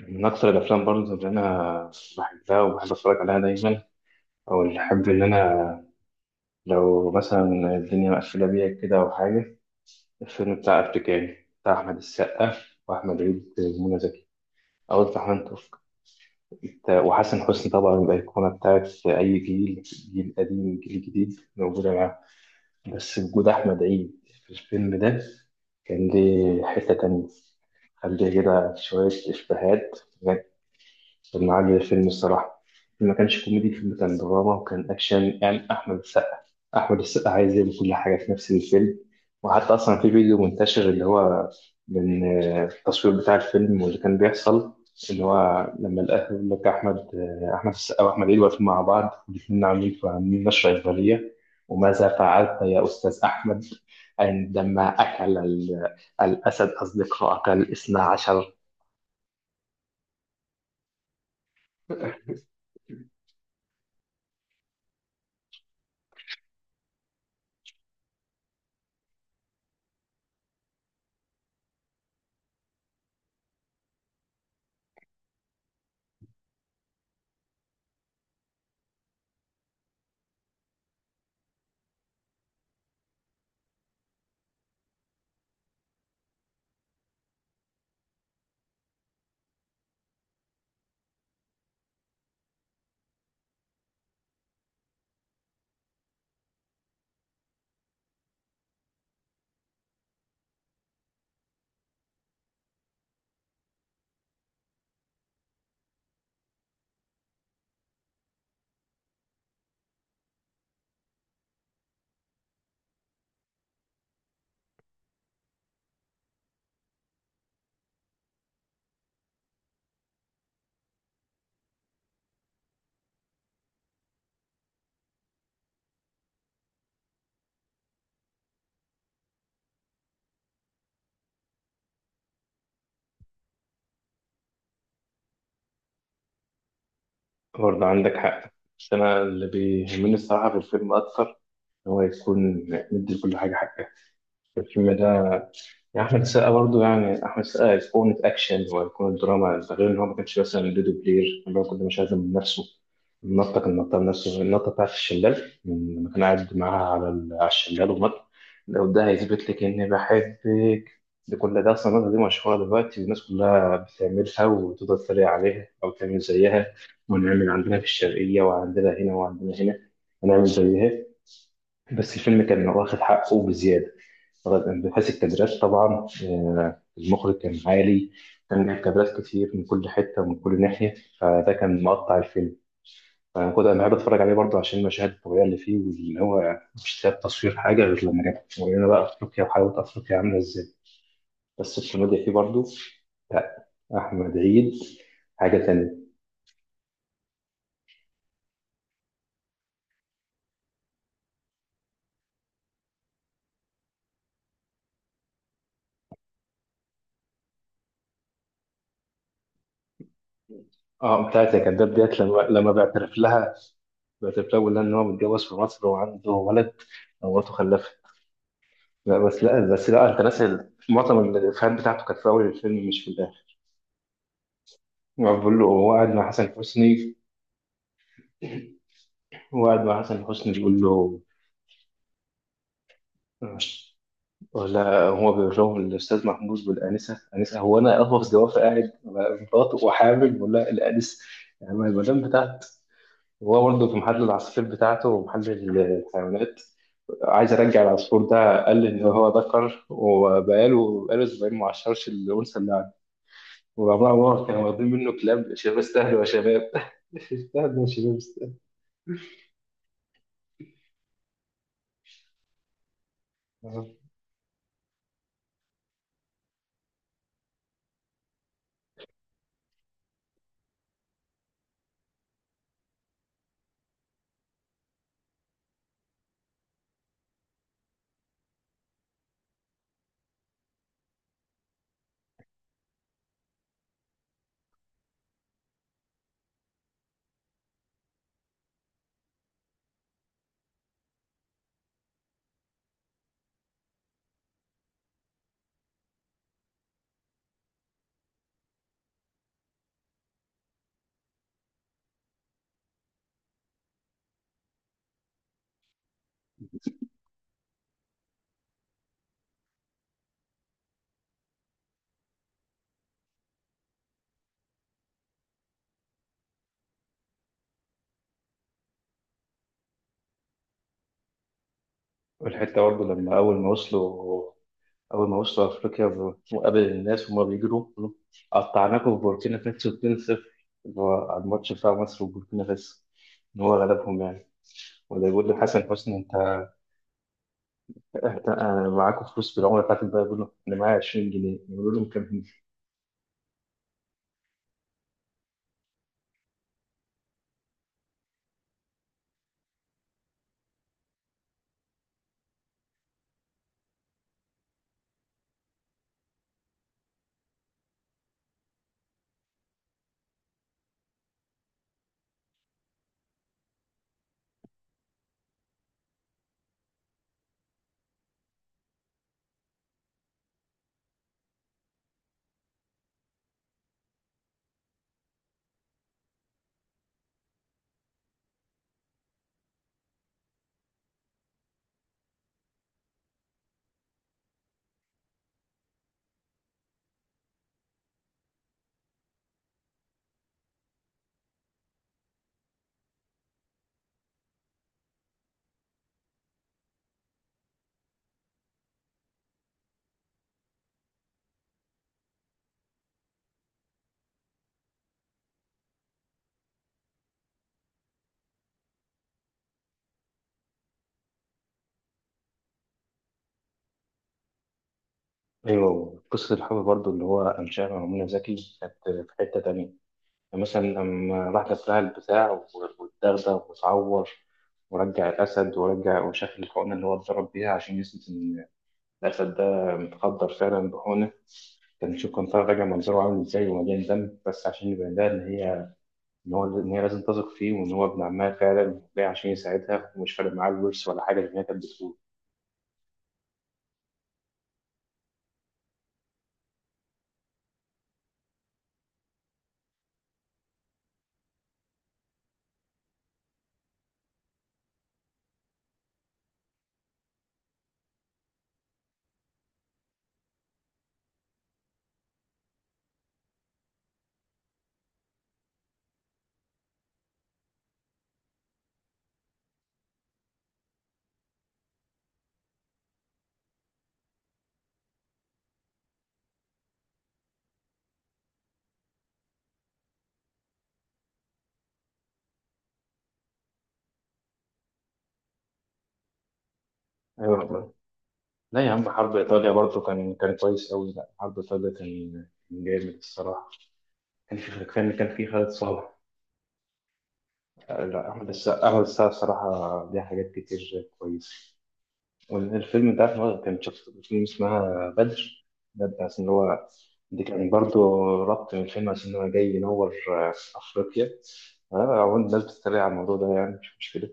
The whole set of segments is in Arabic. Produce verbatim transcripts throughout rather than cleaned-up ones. من أكثر الأفلام برضه اللي أنا بحبها وبحب أتفرج عليها دايما، أو اللي أحب إن أنا لو مثلا الدنيا مقفلة بيا كده أو حاجة، الفيلم بتاع أفريكاني بتاع أحمد السقا وأحمد عيد ومنى زكي، أو بتاع حنان ترك وحسن حسني. طبعا الأيقونة بتاعت أي جيل، جيل قديم جيل جديد موجودة معاه. بس وجود أحمد عيد في الفيلم ده كان ليه حتة تانية، خليه كده شوية إشباهات. كان عالي الفيلم الصراحة، ما كانش كوميدي، الفيلم كان دراما وكان أكشن. يعني أحمد السقا أحمد السقا عايز يعمل كل حاجة في نفس الفيلم. وحتى أصلا في فيديو منتشر اللي هو من آه، التصوير بتاع الفيلم واللي كان بيحصل، اللي هو لما الأهل يقول لك أحمد، آه، أحمد السقا وأحمد عيد واقفين مع بعض الاتنين عاملين عاملين نشرة إخبارية، وماذا فعلت يا أستاذ أحمد عندما أكل ال- الأسد أصدقائك الاثنا عشر؟ برضه عندك حق، بس أنا اللي بيهمني الصراحة في الفيلم أكتر إن هو يكون مدي لكل حاجة حقها. الفيلم ده يعني أحمد السقا، برضه يعني أحمد السقا أيقونة أكشن وأيقونة دراما، ده غير إن هو ما كانش مثلا دودو بلير اللي هو كل مش عايز من نفسه النطة، كان نطة نفسه، النطة بتاعت الشلال من- لما كان قاعد معاها على ال- على الشلال ونط، لو ده هيثبت لك إني بحبك. ده كل ده أصلا النطة دي مشهورة دلوقتي والناس كلها بتعملها وتفضل تتريق عليها أو تعمل زيها، ونعمل عندنا في الشرقية وعندنا هنا وعندنا هنا ونعمل زيها. بس الفيلم كان واخد حقه بزيادة، غ- بحيث الكادرات طبعا، آه، المخرج كان عالي، كان جايب كادرات كتير من كل حتة ومن كل ناحية، فده كان مقطع الفيلم. فأنا كنت أنا بحب أتفرج عليه برضه عشان المشاهد الطبيعية اللي فيه، واللي هو مش ساب تصوير حاجة غير لما جاب ورينا بقى أفريقيا وحلاوة أفريقيا عاملة إزاي. بس الكوميديا فيه برضه، لا، أحمد عيد حاجة تانية. اه، بتاعت يا كداب ديت، لما لما بيعترف لها، بيعترف لها ويقول لها إن هو متجوز في مصر وعنده ولد ومراته خلفت. لا بس، لا بس، لا انت ناسي ال- معظم الافيهات بتاعته كانت في اول الفيلم مش في الاخر. هو بيقول له، هو قاعد مع حسن حسني، هو قاعد مع حسن حسني بيقول له، ولا هو بيقول لهم الاستاذ محمود والانسه، انسه هو انا اهوف زوافه قاعد على مراته وحامل، ولا الانسه يعني المدام بتاعت. هو برضه في محل العصافير بتاعته ومحل الحيوانات، عايز ارجع العصفور ده، قال لي ان هو ذكر وبقاله بقاله اسبوعين ما عشرش الانثى اللي، وعمر عمر كانوا واخدين منه كلاب شباب، استهلوا يا شباب استهلوا يا شباب استهلوا. والحتة برضه لما أول ما وصلوا أول ما وصلوا أفريقيا، ب- وقابل الناس وهما بيجروا يقولوا قطعناكم في بوركينا فاسو اتنين صفر، اللي هو على الماتش بتاع مصر وبوركينا فاسو، إن هو غلبهم يعني. ولا يقول لحسن حسني أنت أنت- أنا معاكم فلوس بالعملة بتاعتك بقى، يقول له أنا معايا عشرين جنيه، يقول لهم كام هنا؟ أيوه، قصة الحب برضه اللي هو أنشأها مع منى زكي كانت في حتة تانية. مثلا لما راح دبها البتاع واتدغدغ واتعور، ورجع الأسد ورجع وشكل الحقنة اللي هو اتضرب بيها عشان يثبت إن الأسد ده متخدر فعلا بحقنة، كان نشوف كان طالع راجع منظره عامل إزاي ومليان دم، بس عشان يبين لها إن هي إن هو إن هي لازم تثق فيه وإن هو ابن عمها فعلا جاي عشان يساعدها، ومش فارق معاه الورث ولا حاجة زي ما هي كانت بتقول. أيوة والله. لا يا عم، حرب إيطاليا برضه كان كان كويس أوي، لا حرب إيطاليا كان كان جامد الصراحة. كان في كان كان في خالد صالح. لا، أحمد السقا أحمد السقا الصراحة ليه حاجات كتير كويسة. والفيلم ده هو كان شخص فيلم اسمها بدر، ده بتاع إن هو، دي كان برضو ربط من الفيلم عشان هو جاي ينور، آه، أفريقيا. آه، هو الناس بتتريق على الموضوع ده يعني مش مشكلة.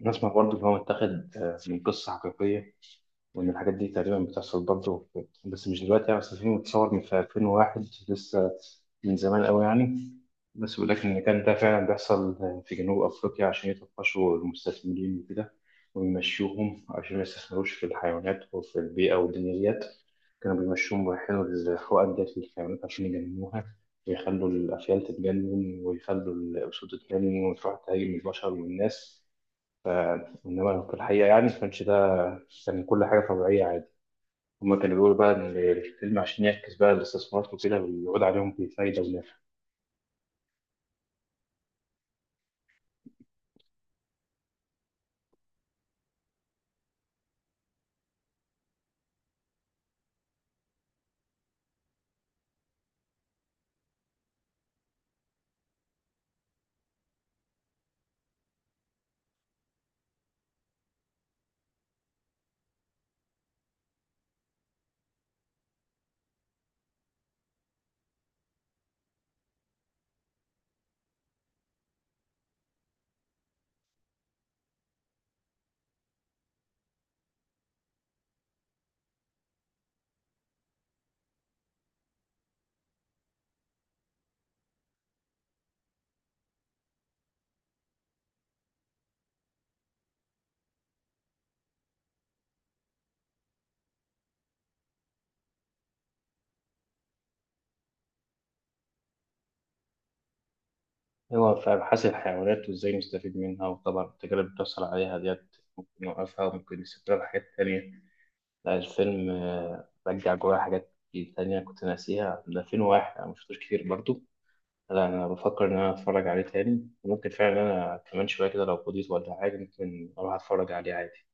نسمع برضو إن هو متاخد آه، من قصة حقيقية، وإن الحاجات دي تقريبا بتحصل برضه، بس مش دلوقتي يعني. بس الفيلم اتصور من في ألفين وواحد لسه، من زمان قوي يعني. بس بيقول لك إن كان ده فعلا بيحصل في جنوب أفريقيا عشان يطفشوا المستثمرين وكده، ويمشوهم عشان ما يستثمروش في الحيوانات وفي البيئة والدنيا ديت. كانوا بيمشوهم ويحيلوا الحقن ديت للحيوانات عشان يجننوها، ويخلوا الأفيال تتجنن ويخلوا الأسود تتجنن وتروح تهاجم البشر والناس. إنما في الحقيقة يعني ما كانش ده، كان كل حاجة طبيعية عادي. هما كانوا بيقولوا بقى إن الفيلم عشان يعكس بقى الاستثمارات وكده، ويعود عليهم بفايدة ونفع. هو فاهم، حاسب الحيوانات وإزاي نستفيد منها، وطبعا التجارب اللي بتحصل عليها ديت ممكن نوقفها وممكن نستفيد حاجات تانية. لا الفيلم آه، رجع جوايا حاجات كتير تانية كنت ناسيها، ده فين واحد أنا مشفتوش كتير برضو. لا أنا بفكر إن أنا أتفرج عليه تاني، وممكن فعلا أنا كمان شوية كده لو فضيت ولا حاجة ممكن أروح أتفرج عليه عادي.